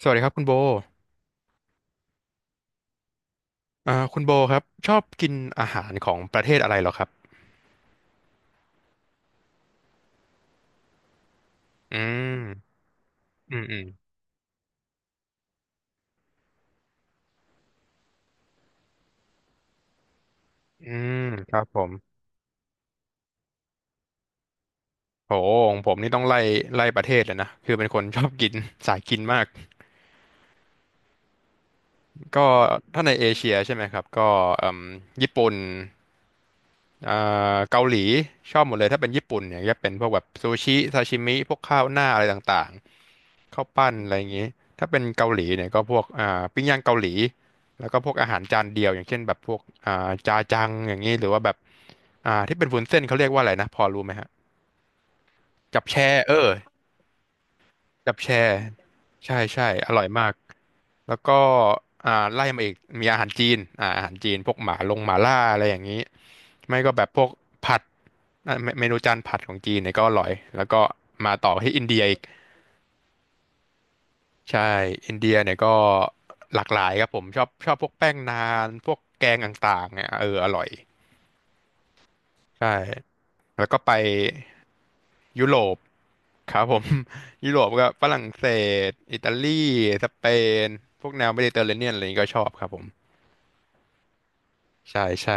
สวัสดีครับคุณโบคุณโบครับชอบกินอาหารของประเทศอะไรเหรอครับ อืมอืมอืมอืมครับผมโหของผมนี่ต้องไล่ประเทศเลยนะ คือเป็นคนชอบกิน สายกินมาก ก็ถ้าในเอเชียใช่ไหมครับก็เอ่มญี่ปุ่นอ่าเกาหลีชอบหมดเลยถ้าเป็นญี่ปุ่นเนี่ยจะเป็นพวกแบบซูชิซาชิมิพวกข้าวหน้าอะไรต่างๆ ข้าวปั้นอะไรอย่างนี้ถ้าเป็นเกาหลีเนี่ยก็พวกปิ้งย่างเกาหลีแล้วก็พวกอาหารจานเดียวอย่างเช่นแบบพวกจาจังอย่างนี้หรือว่าแบบที่เป็นวุ้นเส้นเขาเรียกว่าอะไรนะพอรู้ไหมฮะจับแช่เออจับแช่ใช่ใช่อร่อยมากแล้วก็ไล่มาอีกมีอาหารจีนพวกหมาลงหมาล่าอะไรอย่างนี้ไม่ก็แบบพวกผัดอ่ะเมนูจานผัดของจีนเนี่ยก็อร่อยแล้วก็มาต่อที่อินเดียอีก ใช่อินเดียเนี่ยก็หลากหลายครับผมชอบพวกแป้งนานพวกแกงต่างๆเนี่ยเอออร่อยใช่แล้วก็ไปยุโรปครับผม ยุโรปก็ฝรั่งเศสอิตาลีสเปนพวกแนวเมดิเตอร์เรเนียนอะไรนี้ก็ชอบครับผมใช่ใช่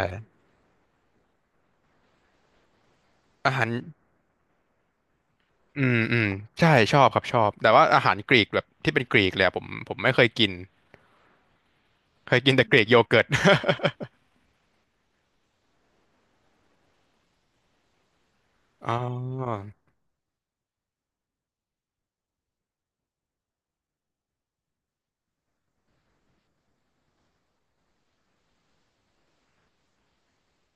อาหารอืมอืมใช่ชอบครับชอบแต่ว่าอาหารกรีกแบบที่เป็นกรีกเลยอะผมไม่เคยกินเคยกินแต่กรีกโยเกิร์ต อ๋อ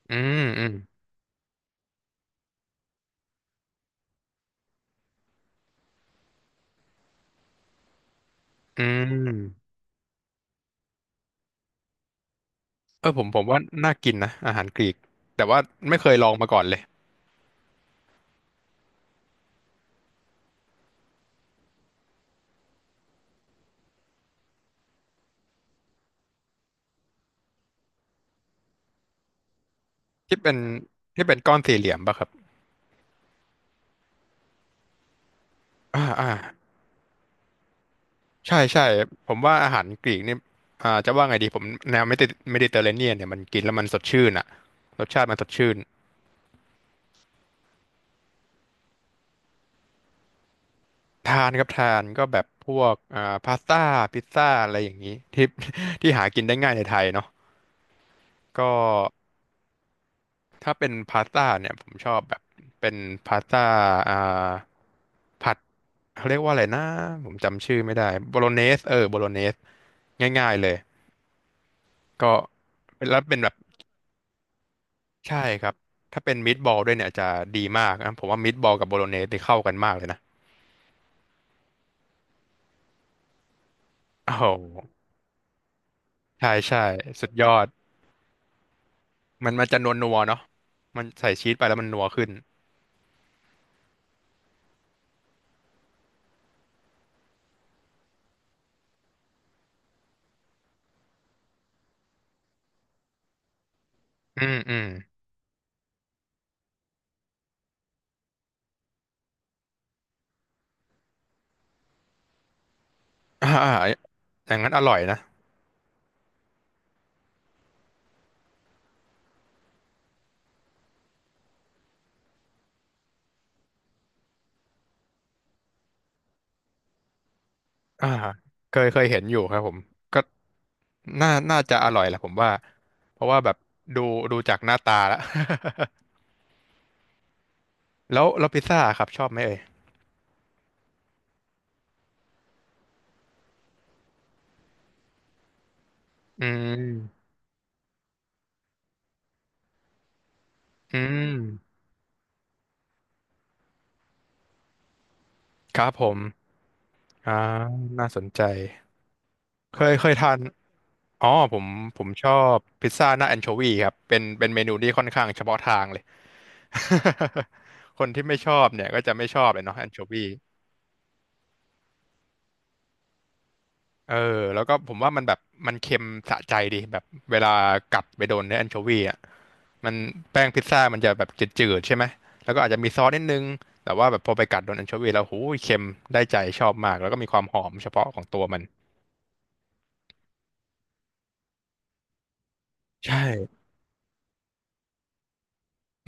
อืมอืมอืม เออผมว่าน่ากินนะอาหารกรีกแต่ว่าไม่เคยลองมาก่อนเลยที่เป็นที่เป็นก้อนสี่เหลี่ยมป่ะครับอ่าอ่าใช่ใช่ผมว่าอาหารกรีกนี่จะว่าไงดีผมแนวเมดิเตอร์เรเนียนเนี่ยมันกินแล้วมันสดชื่นอ่ะรสชาติมันสดชื่นทานครับทานก็แบบพวกพาสต้าพิซซ่าอะไรอย่างนี้ที่หากินได้ง่ายในไทยเนาะก็ ถ้าเป็นพาสต้าเนี่ยผมชอบแบบเป็นพาสต้าอ่าผัดเขาเรียกว่าอะไรนะผมจำชื่อไม่ได้โบโลเนสเออโบโลเนสง่ายๆเลยก็เป็นแล้วเป็นแบบใช่ครับถ้าเป็นมิตบอลด้วยเนี่ยจะดีมากนะผมว่ามิตบอลกับโบโลเนสที่เข้ากันมากเลยนะโอ้โหใช่ใช่สุดยอดมันจะนวลนัวเนาะมันใส่ชีสไปแล้วมันนัวขึ้นอืมอืมอ่าอ่าอย่างนั้นอร่อยนะ อ่าเคยเห็นอยู่ครับผมก็น่าจะอร่อยแหละผมว่าเพราะว่าแบบดูดูจากหน้าตาแล้ว แล้วพิซซ่าครับชอบไหมเอ่ยอืมอืมครับผมอ่าน่าสนใจเคยทานอ๋อผมผมชอบพิซซ่าหน้าแอนโชวีครับเป็นเมนูที่ค่อนข้างเฉพาะทางเลย คนที่ไม่ชอบเนี่ยก็จะไม่ชอบเลยเนาะแอนโชวี เออแล้วก็ผมว่ามันแบบมันเค็มสะใจดีแบบเวลากัดไปโดนเนื้อแอนโชวีอ่ะมันแป้งพิซซ่ามันจะแบบจืดๆใช่ไหมแล้วก็อาจจะมีซอสนิดนึงแต่ว่าแบบพอไปกัดโดนแอนโชวีแล้วหูยเค็มได้ใจชอบมากแล้วก็มีความหอมเฉพาะของตัวมันใช่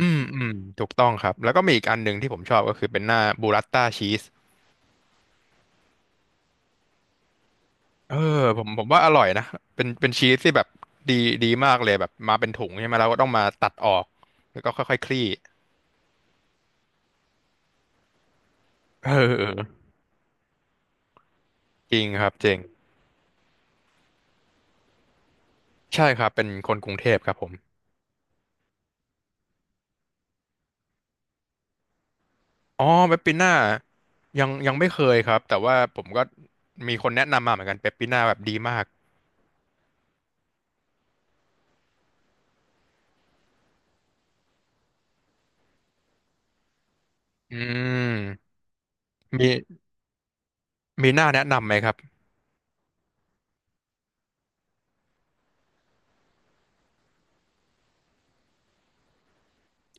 อืมอืมถูกต้องครับแล้วก็มีอีกอันหนึ่งที่ผมชอบก็คือเป็นหน้าบูรัตต้าชีสเออผมว่าอร่อยนะเป็นชีสที่แบบดีดีมากเลยแบบมาเป็นถุงใช่ไหมเราก็ต้องมาตัดออกแล้วก็ค่อยๆคลี่เออจริงครับจริง ใช่ครับเป็นคนกรุงเทพครับผมอ๋อเปปปิน่ายังไม่เคยครับแต่ว่าผมก็มีคนแนะนำมาเหมือนกันเปปปิน่าแบบดีมากอืมมีมีหน้าแนะนำไหมครับ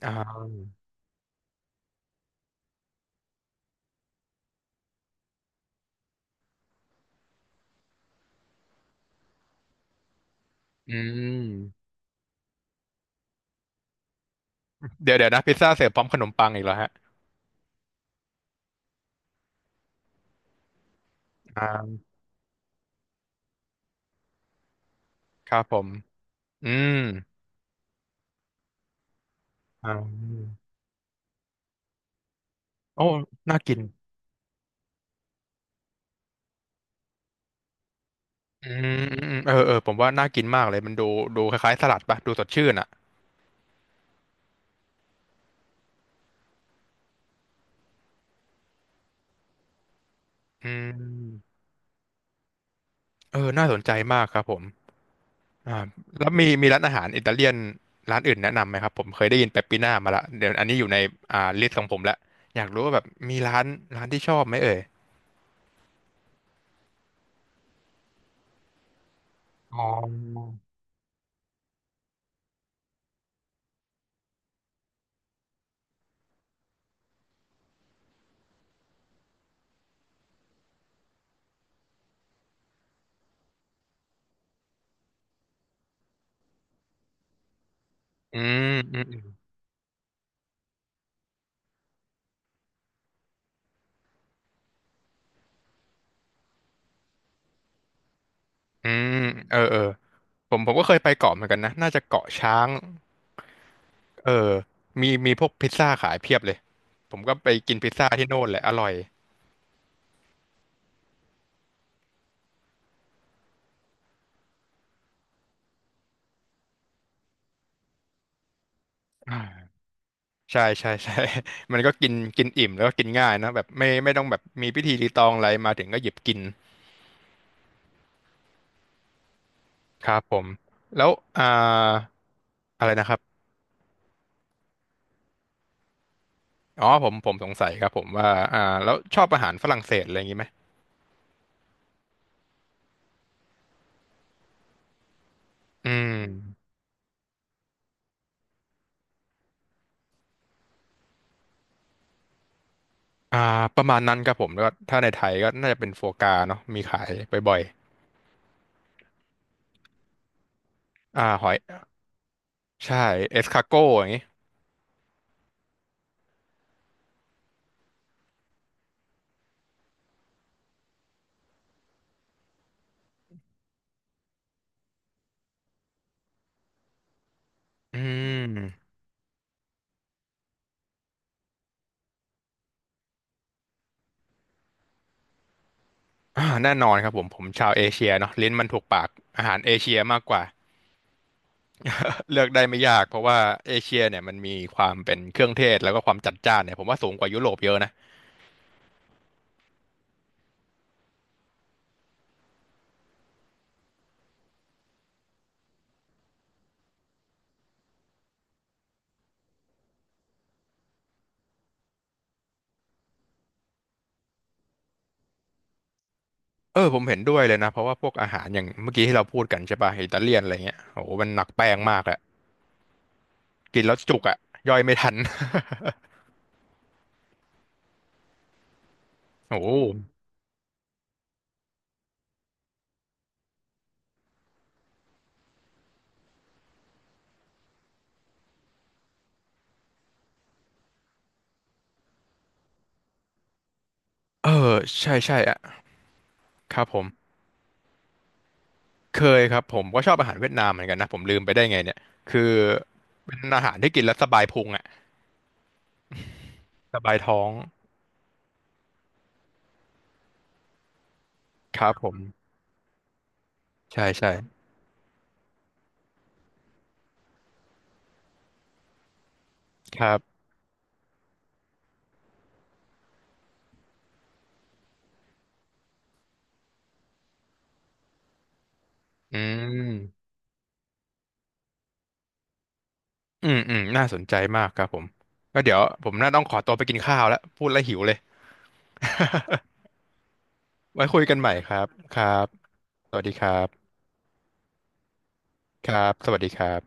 อ่าอืมเดี๋ยวเดี๋ยวนะพิซซ่าเสิร์ฟพร้อมขนมปังอีกแล้วฮะอ่าครับผมอืมอ่าโอ้น่ากินอืมอืมอืมเออเออผมว่าน่ากินมากเลยมันดูคล้ายๆสลัดปะดูสดชื่นอ่ะอืมเออน่าสนใจมากครับผม อ่าแล้วมีร้านอาหารอิตาเลียนร้านอื่นแนะนำไหมครับผมเคยได้ยินเปปปิน่ามาละเดี๋ยวอันนี้อยู่ในลิสต์ของผมละอยากรู้ว่าแบบมีร้านที่ชอบไหมเอ่ยอ๋ออืมอืมอืมอืมเออเออผมก็เคยไปเกาะเหมือนกันนะน่าจะเกาะช้างเออมีพวกพิซซ่าขายเพียบเลยผมก็ไปกินพิซซ่าที่โน่นแหละอร่อยอ่าใช่ใช่ใช่ มันก็กินกินอิ่มแล้วก็กินง่ายนะแบบไม่ต้องแบบมีพิธีรีตองอะไรมาถึงก็หยิบกิน ครับผมแล้วอ่าอะไรนะครับอ๋อผมสงสัยครับผมว่าอ่าแล้วชอบอาหารฝรั่งเศสอะไรอย่างนี้ไหมอืมอ่าประมาณนั้นครับผมแล้วก็ถ้าในไทยก็น่าจะเป็นโฟกาเนาะมีขายบ่อยๆอ่าหอยใช่เอสคาโก้อย่างนี้อืมแน่นอนครับผมชาวเอเชียเนาะลิ้นมันถูกปากอาหารเอเชียมากกว่าเลือกได้ไม่ยากเพราะว่าเอเชียเนี่ยมันมีความเป็นเครื่องเทศแล้วก็ความจัดจ้านเนี่ยผมว่าสูงกว่ายุโรปเยอะนะ เออผมเห็นด้วยเลยนะเพราะว่าพวกอาหารอย่างเมื่อกี้ที่เราพูดกันใช่ป่ะอิตาเลียนอะไรเงี้ยโอ้โหมันหนักแป้งมากอะกินแล้วจุกอะย่อยไม่ทัน โอ้โหเออใช่ใช่อะครับผมเคยครับผมก็ชอบอาหารเวียดนามเหมือนกันนะผมลืมไปได้ไงเนี่ยคือเป็นอาหารที่กินแล้วสบายพุงอะสบายท้องครับผมใช่ใช่ครับอืมอืมอืมน่าสนใจมากครับผมก็เดี๋ยวผมน่าต้องขอตัวไปกินข้าวแล้วพูดแล้วหิวเลย ไว้คุยกันใหม่ครับครับสวัสดีครับครับสวัสดีครับ